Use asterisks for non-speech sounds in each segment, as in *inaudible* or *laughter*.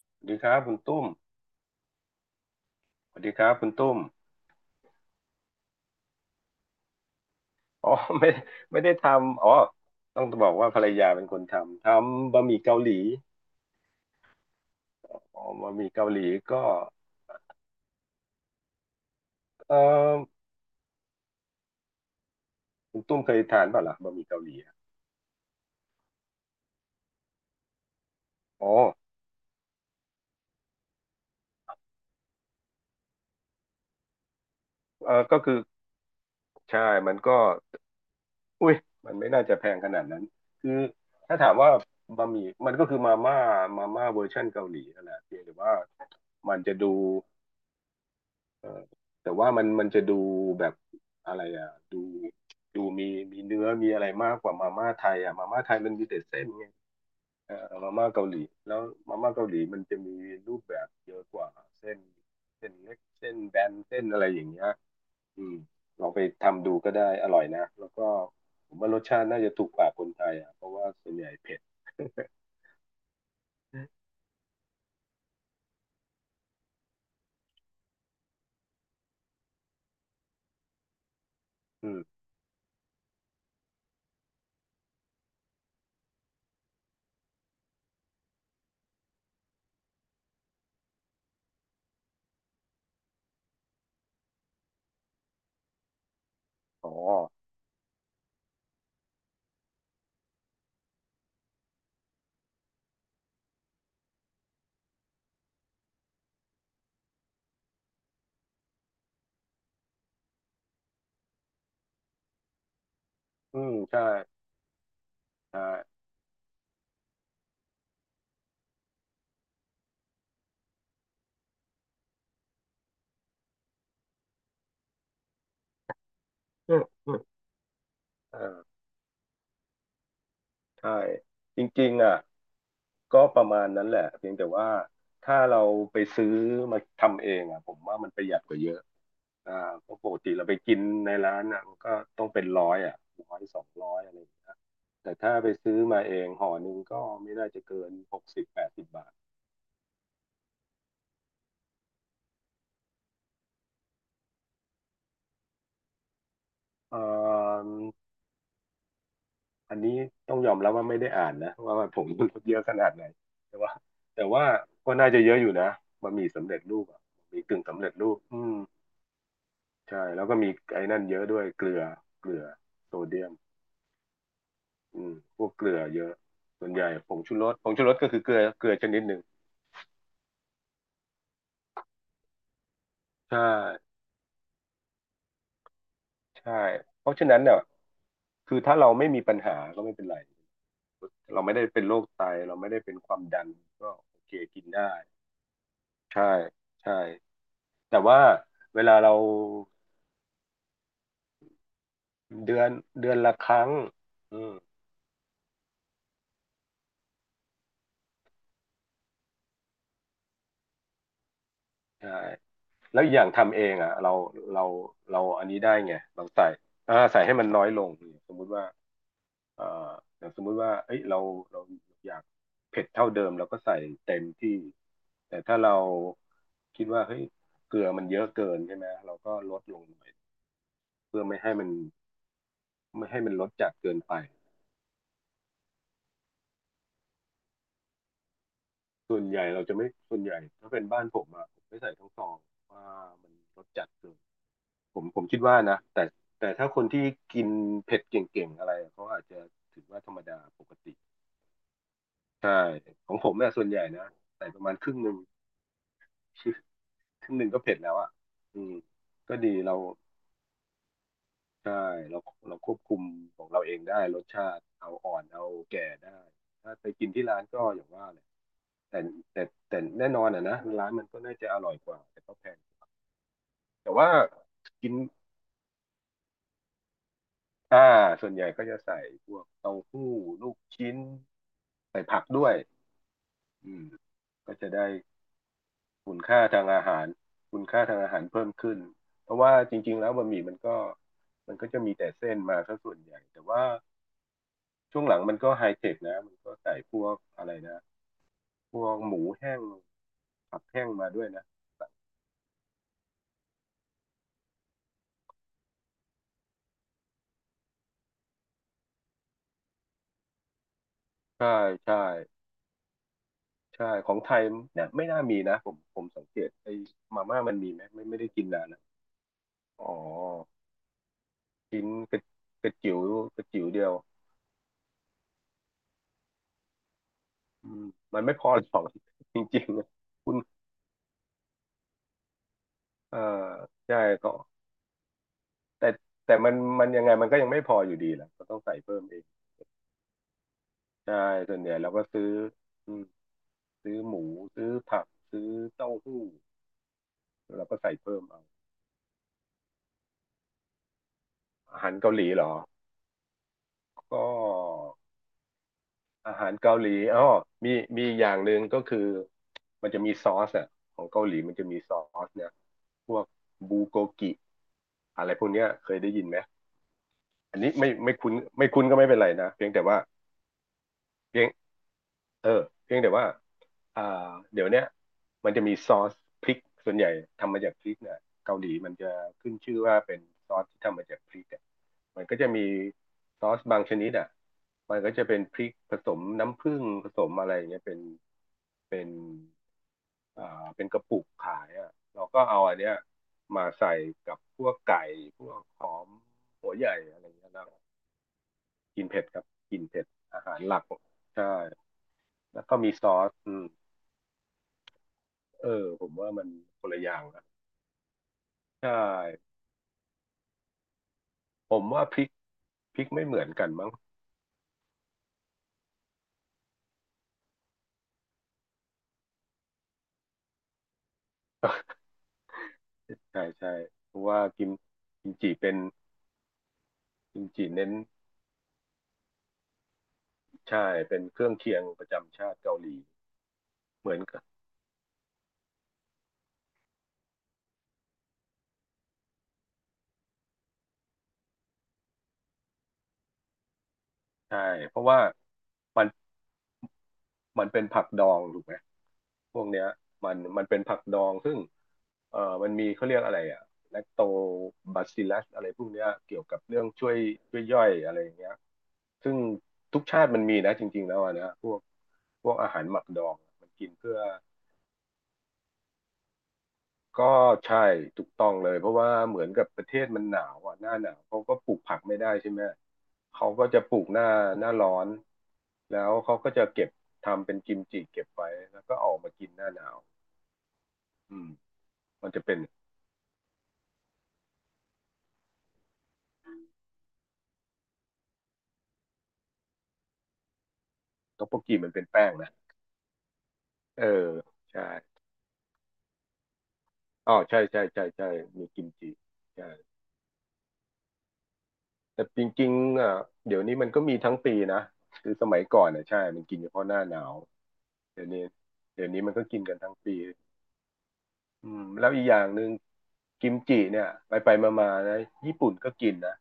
สวัสดีครับคุณตุ้มสวัสดีครับคุณตุ้มอ๋อ *laughs* ไม่ไม่ได้ทำอ๋อต้องบอกว่าภรรยาเป็นคนทำบะหมี่เกาหลีอ๋อบะหมี่เกาหลีก็เออคุณตุ้มเคยทานเปล่าล่ะบะหมี่เกาหลีอะอ๋อเออก็คือใช่มันก็อุ้ยมันไม่น่าจะแพงขนาดนั้นคือถ้าถามว่าบะหมี่มันก็คือมาม่ามาม่าเวอร์ชันเกาหลีนั่นแหละเพียงแต่ว่ามันจะดู เออแต่ว่ามันจะดูแบบอะไรอ่ะดูมีเนื้อมีอะไรมากกว่ามาม่าไทยอ่ะมาม่าไทยมันมีแต่เส้นไงเออมาม่าเกาหลีแล้วมาม่าเกาหลีมันจะมีรูปแบบเยอะกว่าเส้นเล็กเส้นแบนเส้นอะไรอย่างเงี้ยอืมลองไปทำดูก็ได้อร่อยนะแล้วก็ผมว่ารสชาติน่าจะถูกปากคนไทยอ่ะเพราะว่าส่วนใหญ่เผ็ด *laughs* อืมอ๋ออืมใช่ใช่อืมอืมเออใช่จริงๆอ่ะ ก็ประมาณนั้นแหละเพียงแต่ว่าถ้าเราไปซื้อมาทำเองอ่ะผมว่ามันประหยัดกว่าเยอะอ่าเพราะปกติเราไปกินในร้านอ่ะมันก็ต้องเป็นร้อยอ่ะร้อย200อะไรอย่างเงี้ยแต่ถ้าไปซื้อมาเองห่อหนึ่งก็ไม่น่าจะเกิน6080บาทอ่าอันนี้ต้องยอมรับว่าไม่ได้อ่านนะว่าผมมันลดเยอะขนาดไหนแต่ว่าแต่ว่าก็น่าจะเยอะอยู่นะบะหมี่สำเร็จรูปอ่ะบะหมี่กึ่งสำเร็จรูปอืม ใช่แล้วก็มีไอ้นั่นเยอะด้วยเกลือเกลือโซเดียมอืมพวกเกลือเยอะส่วนใหญ่ผงชูรสก็คือเกลือชนิดหนึ่งใช่ใช่เพราะฉะนั้นเนี่ยคือถ้าเราไม่มีปัญหาก็ไม่เป็นไรเราไม่ได้เป็นโรคไตเราไม่ได้เป็นความดันก็โอเคกินได้ใช่ใช่แต่ว่าเวลาเราเดือนเดือนละครั้งอืมใช่แล้วอีกอย่างทำเองอ่ะเราเราอันนี้ได้ไงเราใส่ใส่ให้มันน้อยลงสมมุติว่า เอ่ออย่างสมมุติว่าเอ้ยเราเราอยากเผ็ดเท่าเดิมเราก็ใส่เต็มที่ แต่ถ้าเราคิดว่าเฮ้ยเกลือมันเยอะเกินใช่ไหมเราก็ลดลงหน่อยเพื่อไม่ให้มันลดจัดเกินไปส่วนใหญ่ถ้าเป็นบ้านผมอะผมไม่ใส่ทั้งซองว่ามันรสจัดเกินผมคิดว่านะแต่แต่ถ้าคนที่กินเผ็ดเก่งๆอะไรเขาอาจจะถือว่าธรรมดาปกติใช่ของผมเนี่ยส่วนใหญ่นะใส่ประมาณครึ่งหนึ่ง ครึ่งหนึ่งก็เผ็ดแล้วอ่ะอืม ก็ดีเราใช่เราเราควบคุมของเราเองได้รสชาติเอาอ่อนเอาแก่ได้ถ้าไปกินที่ร้านก็อย่างว่าเลยแต่แต่แต่แน่นอนอ่ะนะร้านมันก็น่าจะอร่อยกว่าแต่ก็แพงแต่ว่ากินอ่าส่วนใหญ่ก็จะใส่พวกเต้าหู้ลูกชิ้นใส่ผักด้วยอืมก็จะได้ คุณค่าทางอาหารคุณค่าทางอาหารเพิ่มขึ้นเพราะว่าจริงๆแล้วบะหมี่มันก็จะมีแต่เส้นมาซะส่วนใหญ่แต่ว่าช่วงหลังมันก็ไฮเทคนะมันก็ใส่พวกอะไรนะพวกหมูแห้งผักแห้งมาด้วยนะใช่ใช่ใช่ของไทยเนี่ยไม่น่ามีนะผมสังเกตไอ้มาม่ามันมีไหมไม่ไม่ได้กินนานแล้วอ๋อกินกระจิ๋วกระจิ๋วเดียวอืมมันไม่พอหรอก *laughs* จริงๆนะคุณเอ่อใช่ก็ แต่แต่มันยังไงมันก็ยังไม่พออยู่ดีแหละก็ต้องใส่เพิ่มเองใช่ส่วนใหญ่เราก็ซื้ออืมซื้อหมูซื้อผักซื้อเต้าหู้เราก็ใส่เพิ่มเอาอาหารเกาหลีเหรอก็อาหารเกาหลีอ๋อมีมีอีกอย่างหนึ่งก็คือมันจะมีซอสอ่ะของเกาหลีมันจะมีซอสเนี่ยพวกบูโกกิอะไรพวกเนี้ยเคยได้ยินไหมอันนี้ไม่คุ้นไม่คุ้นก็ไม่เป็นไรนะเพียงแต่ว่าเพียง เออเพียงแต่ว่าอ่าเดี๋ยวเนี้ยมันจะมีซอสพริกส่วนใหญ่ทำมาจากพริกเนี่ยเกาหลีมันจะขึ้นชื่อว่าเป็นซอสที่ทำมาจากพริกอ่ะมันก็จะมีซอสบางชนิดอ่ะมันก็จะเป็นพริกผสมน้ำผึ้งผสมอะไรอย่างเงี้ยเป็นเป็นอ่าเป็นกระปุกขายอ่ะเราก็เอาอันเนี้ยมาใส่กับพวกไก่พวกหอมหัวใหญ่อะไรอย่างเงี้ยนะ กินเผ็ดครับกินเผ็ดอาหารหลักใช่แล้วก็มีซอสอืมเออผมว่ามันคนละอย่างนะใช่ผมว่าพริกไม่เหมือนกันมั้ง *laughs* ใช่ใช่เพราะว่ากิมจิเป็นกิมจิเน้นใช่เป็นเครื่องเคียงประจำชาติเกาหลีเหมือนกันใช่เพราะว่ามันเป็นผักดองถูกไหม พวกเนี้ยมันเป็นผักดองซึ่งมันมีเขาเรียกอะไรอะแลคโตบาซิลัสอะไรพวกเนี้ยเกี่ยวกับเรื่องช่วยช่วยย่อยอะไรอย่างเงี้ยซึ่งทุกชาติมันมีนะจริงๆแล้วอะนะพวกอาหารหมักดองมันกินเพื่อก็ใช่ถูกต้องเลยเพราะว่าเหมือนกับประเทศมันหนาวอ่ะหน้าหนาวเขาก็ปลูกผักไม่ได้ใช่ไหมเขาก็จะปลูกหน้าร้อนแล้วเขาก็จะเก็บทำเป็นกิมจิเก็บไว้แล้วก็เออกมากินหน้าหนาวอืมมันจะเป็น ต็อกโบกีมันเป็นแป้งนะเออใช่อ๋อใช่ใช่ใช่ใช่มีกิมจิใช่แต่จริงๆอ่ะเดี๋ยวนี้มันก็มีทั้งปีนะคือสมัยก่อนอ่ะใช่มันกินเฉพาะหน้าหนาวเดี๋ยวนี้มันก็กินกันทั้งปีอืมแล้วอีกอย่างหนึ่งกิมจิเนี่ยไปไปมามาๆนะญี่ปุ่นก็กินนะ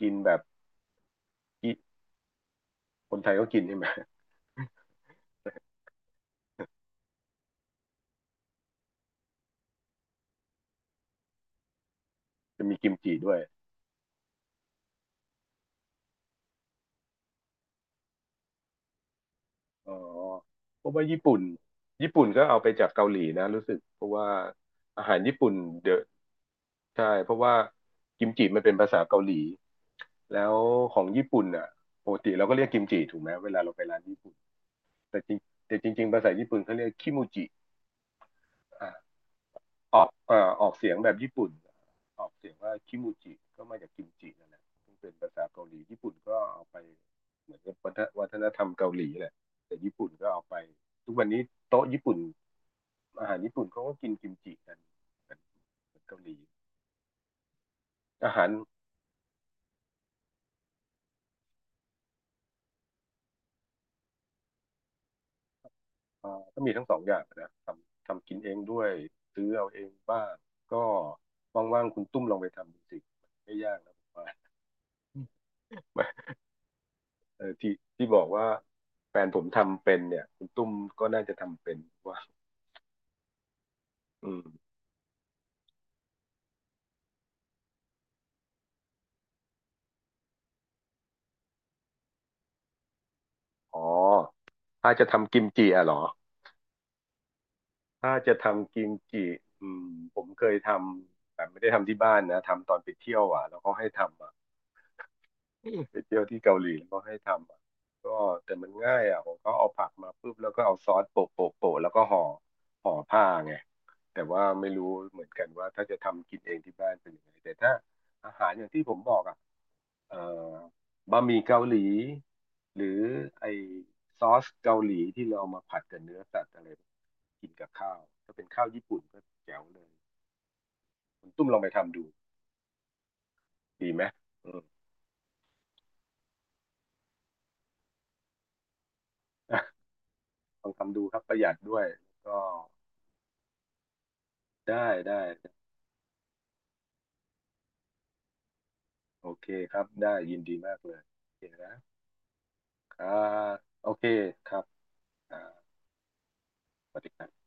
กินแบบที่คนไทยก็กินใช่ไหม *laughs* จะมีกิมจิด้วย อ๋อเพราะว่าญี่ปุ่นก็เอาไปจากเกาหลีนะรู้สึกเพราะว่าอาหารญี่ปุ่นเดอะใช่เพราะว่ากิมจิมันเป็นภาษาเกาหลีแล้วของญี่ปุ่นอ่ะปกติเราก็เรียกกิมจิถูกไหมเวลาเราไปร้านญี่ปุ่นแต่จริงแต่จริงๆภาษาญี่ปุ่นเขาเรียกคิมูจิ ออกออกเสียงแบบญี่ปุ่น ออกเสียงว่าคิมูจิก็มาจากกิมจินั่นแหละซึ่งเป็นภาษาเกาหลีญี่ปุ่นก็เอาไปเหมือนกับวัฒนธรรมเกาหลีแหละแต่ญี่ปุ่นก็เอาไปทุกวันนี้โต๊ะญี่ปุ่นอาหารญี่ปุ่นเขาก็กินกิมจิกันเหมือนเกาหลีอาหารก็มีทั้งสองอย่างนะทำกินเองด้วยซื้อเอาเองบ้างก็ว่างๆคุณตุ้มลองไปทำดูสิไม่ยากนะผมว่า เออที่บอกว่าแฟนผมทำเป็นเนี่ยคุณตุ้มก็น่าจะทำเป็นว่าอืมอ๋อถ้าจะทำกิมจิอ่ะเหรอถ้าจะทำกิมจิอืมผมเคยทำแต่ไม่ได้ทำที่บ้านนะทำตอนไปเที่ยวอ่ะแล้วเขาให้ทำอ่ะอืมไปเที่ยวที่เกาหลีแล้วก็ให้ทำอ่ะก็แต่มันง่ายอ่ะผมก็เอาผักมาปุ๊บแล้วก็เอาซอสโปะโปะโปะแล้วก็ห่อผ้าไงแต่ว่าไม่รู้เหมือนกันว่าถ้าจะทำกินเองที่บ้านเป็นยังไงแต่ถ้าอาหารอย่างที่ผมบอกอ่ะ เอ่อบะหมี่เกาหลีหรือไอซอสเกาหลีที่เราเอามาผัดกับเนื้อสัตว์อะไรกินกับข้าวถ้าเป็นข้าวญี่ปุ่นก็แจ๋วเลยคุณตุ้มลองไปทำดูดีไหมอืม *laughs* ลองทำดูครับประหยัดด้วยก็ได้ได้โอเคครับได้ยินดีมากเลยโอเคนะครับโอเคครับอ่าสวัสดีครับ